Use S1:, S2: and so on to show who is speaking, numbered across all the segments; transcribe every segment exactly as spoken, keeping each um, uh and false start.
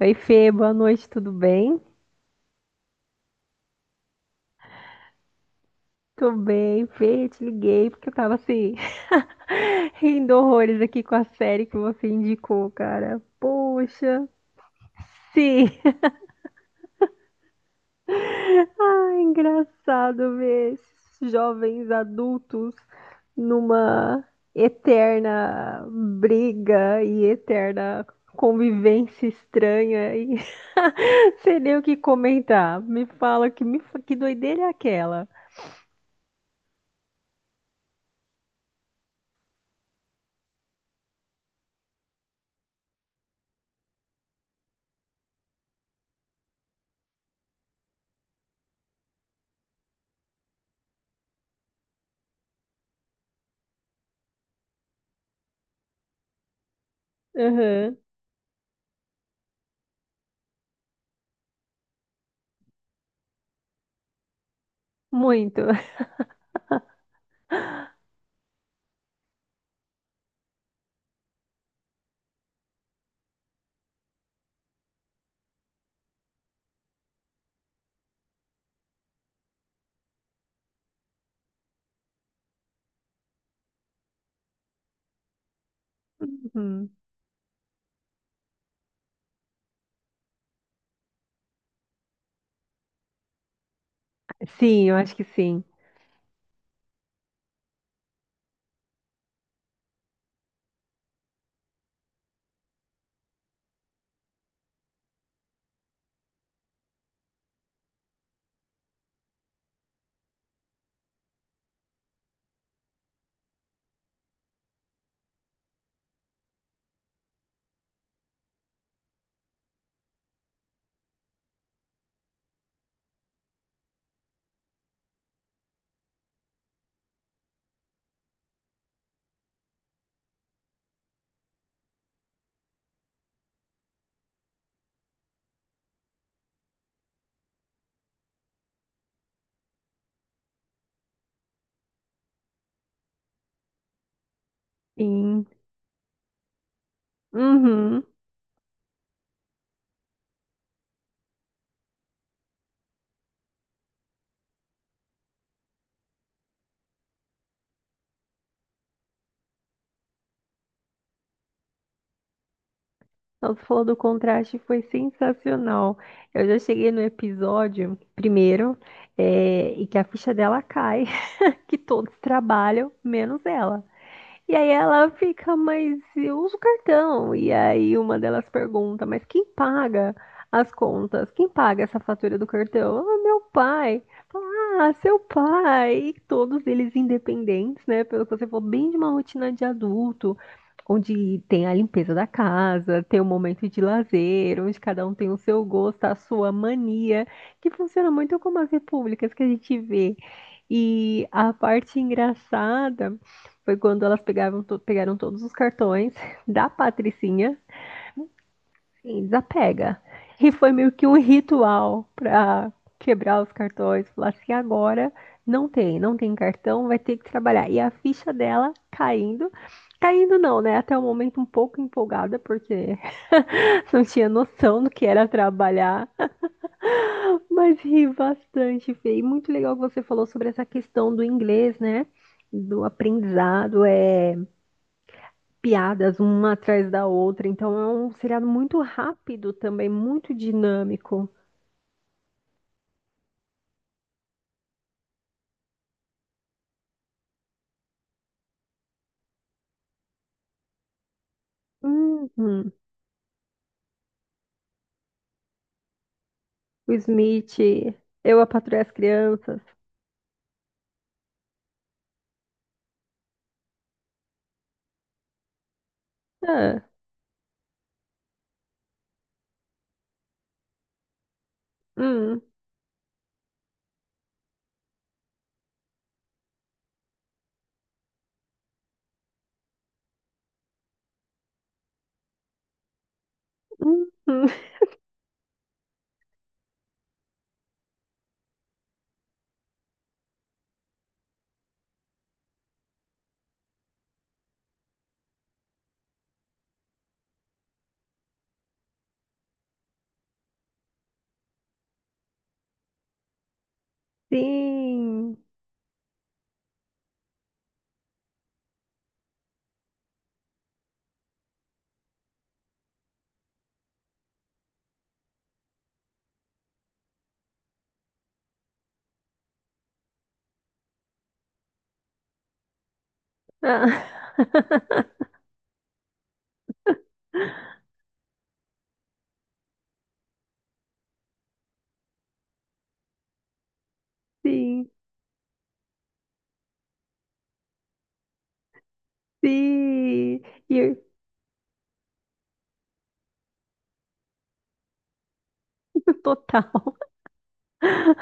S1: Oi, Fê, boa noite, tudo bem? Tô bem, Fê, eu te liguei porque eu tava assim, rindo horrores aqui com a série que você indicou, cara. Poxa, sim. Ah, engraçado ver esses jovens adultos numa eterna briga e eterna convivência estranha e sei nem o que comentar. Me fala que, me, fa- que doideira é aquela? Aham, muito. Sim, eu acho que sim. Sim. Uhum. Nossa, falou do contraste, foi sensacional. Eu já cheguei no episódio primeiro, é, e que a ficha dela cai, que todos trabalham, menos ela. E aí ela fica, mas eu uso cartão. E aí uma delas pergunta, mas quem paga as contas? Quem paga essa fatura do cartão? Ah, meu pai. Fala, ah, seu pai. E todos eles independentes, né? Pelo que você falou, bem de uma rotina de adulto, onde tem a limpeza da casa, tem o momento de lazer, onde cada um tem o seu gosto, a sua mania, que funciona muito como as repúblicas que a gente vê. E a parte engraçada foi quando elas pegavam to- pegaram todos os cartões da Patricinha e desapega. E foi meio que um ritual para quebrar os cartões, falar assim, agora não tem, não tem cartão, vai ter que trabalhar. E a ficha dela caindo, caindo não, né? Até o momento um pouco empolgada, porque não tinha noção do que era trabalhar, mas ri bastante, Fê. E muito legal que você falou sobre essa questão do inglês, né? Do aprendizado, é piadas uma atrás da outra. Então é um seriado muito rápido também, muito dinâmico. Uhum. O Smith, Eu, a Patroa e as Crianças. Ah, hum, hum, hum. Sim. Ah, sim, sim. E total.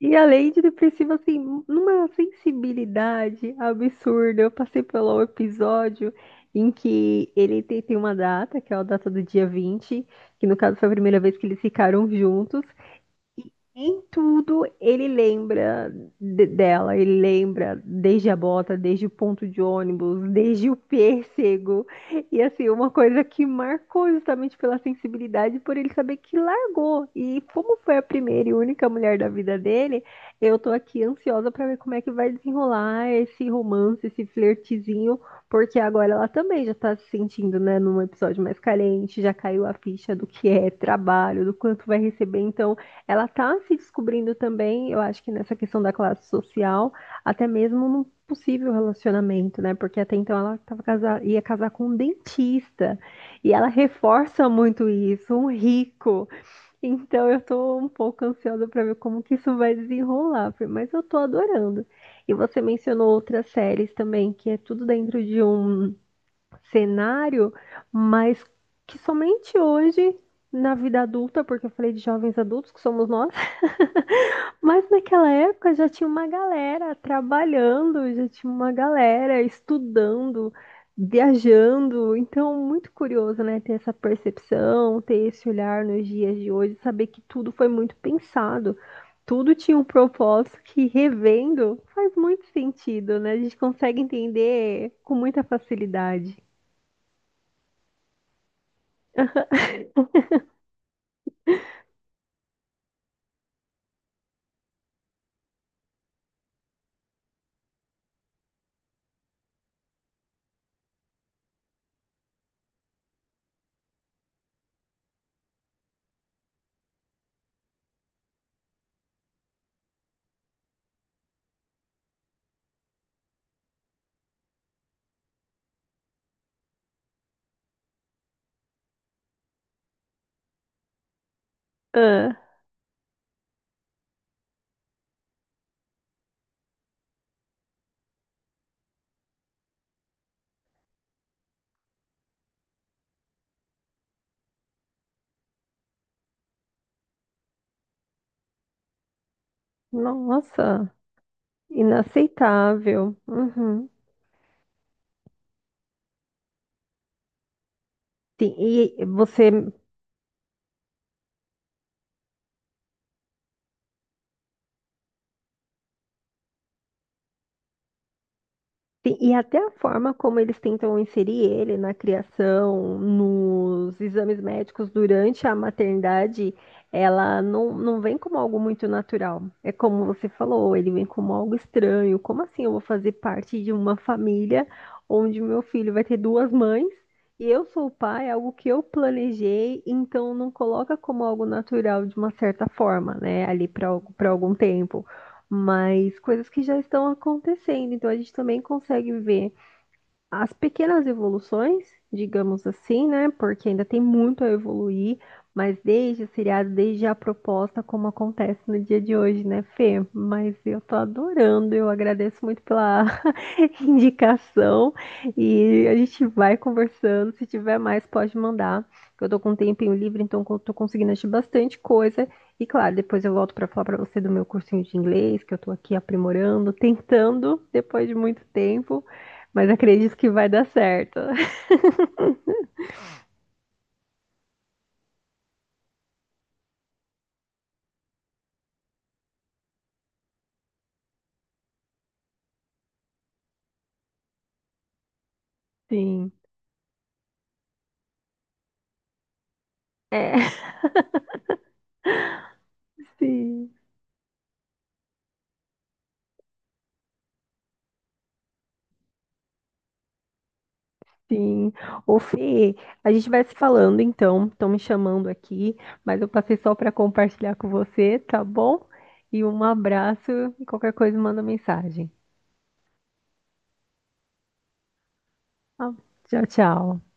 S1: E além de depressivo, assim, numa sensibilidade absurda, eu passei pelo episódio em que ele tem, tem uma data, que é a data do dia vinte, que no caso foi a primeira vez que eles ficaram juntos, em tudo ele lembra de- dela, ele lembra desde a bota, desde o ponto de ônibus, desde o pêssego. E assim, uma coisa que marcou justamente pela sensibilidade, por ele saber que largou. E como foi a primeira e única mulher da vida dele, eu tô aqui ansiosa pra ver como é que vai desenrolar esse romance, esse flertezinho, porque agora ela também já tá se sentindo, né, num episódio mais carente, já caiu a ficha do que é trabalho, do quanto vai receber, então ela está se descobrindo também, eu acho que nessa questão da classe social, até mesmo num possível relacionamento, né? Porque até então ela tava casa- ia casar com um dentista. E ela reforça muito isso, um rico. Então eu tô um pouco ansiosa para ver como que isso vai desenrolar, Fê, mas eu tô adorando. E você mencionou outras séries também, que é tudo dentro de um cenário, mas que somente hoje, na vida adulta, porque eu falei de jovens adultos, que somos nós. Mas naquela época já tinha uma galera trabalhando, já tinha uma galera estudando, viajando. Então, muito curioso, né? Ter essa percepção, ter esse olhar nos dias de hoje, saber que tudo foi muito pensado, tudo tinha um propósito que, revendo, faz muito sentido, né? A gente consegue entender com muita facilidade. Ah, nossa, inaceitável. Uhum. Sim, e você sim, e até a forma como eles tentam inserir ele na criação, nos exames médicos durante a maternidade, ela não, não vem como algo muito natural. É como você falou, ele vem como algo estranho. Como assim eu vou fazer parte de uma família onde meu filho vai ter duas mães e eu sou o pai, é algo que eu planejei, então não coloca como algo natural de uma certa forma, né? Ali para para algum tempo mas coisas que já estão acontecendo. Então a gente também consegue ver as pequenas evoluções, digamos assim, né? Porque ainda tem muito a evoluir, mas desde o seriado, desde a proposta, como acontece no dia de hoje, né, Fê? Mas eu tô adorando, eu agradeço muito pela indicação e a gente vai conversando. Se tiver mais, pode mandar. Eu tô com um tempinho livre, então eu tô conseguindo assistir bastante coisa. E claro, depois eu volto para falar para você do meu cursinho de inglês, que eu tô aqui aprimorando, tentando depois de muito tempo. Mas acredito que vai dar certo. Sim, é. Sim, sim. Ô, Fê, a gente vai se falando então. Estão me chamando aqui, mas eu passei só para compartilhar com você, tá bom? E um abraço e qualquer coisa manda mensagem. Tá? Tchau, tchau.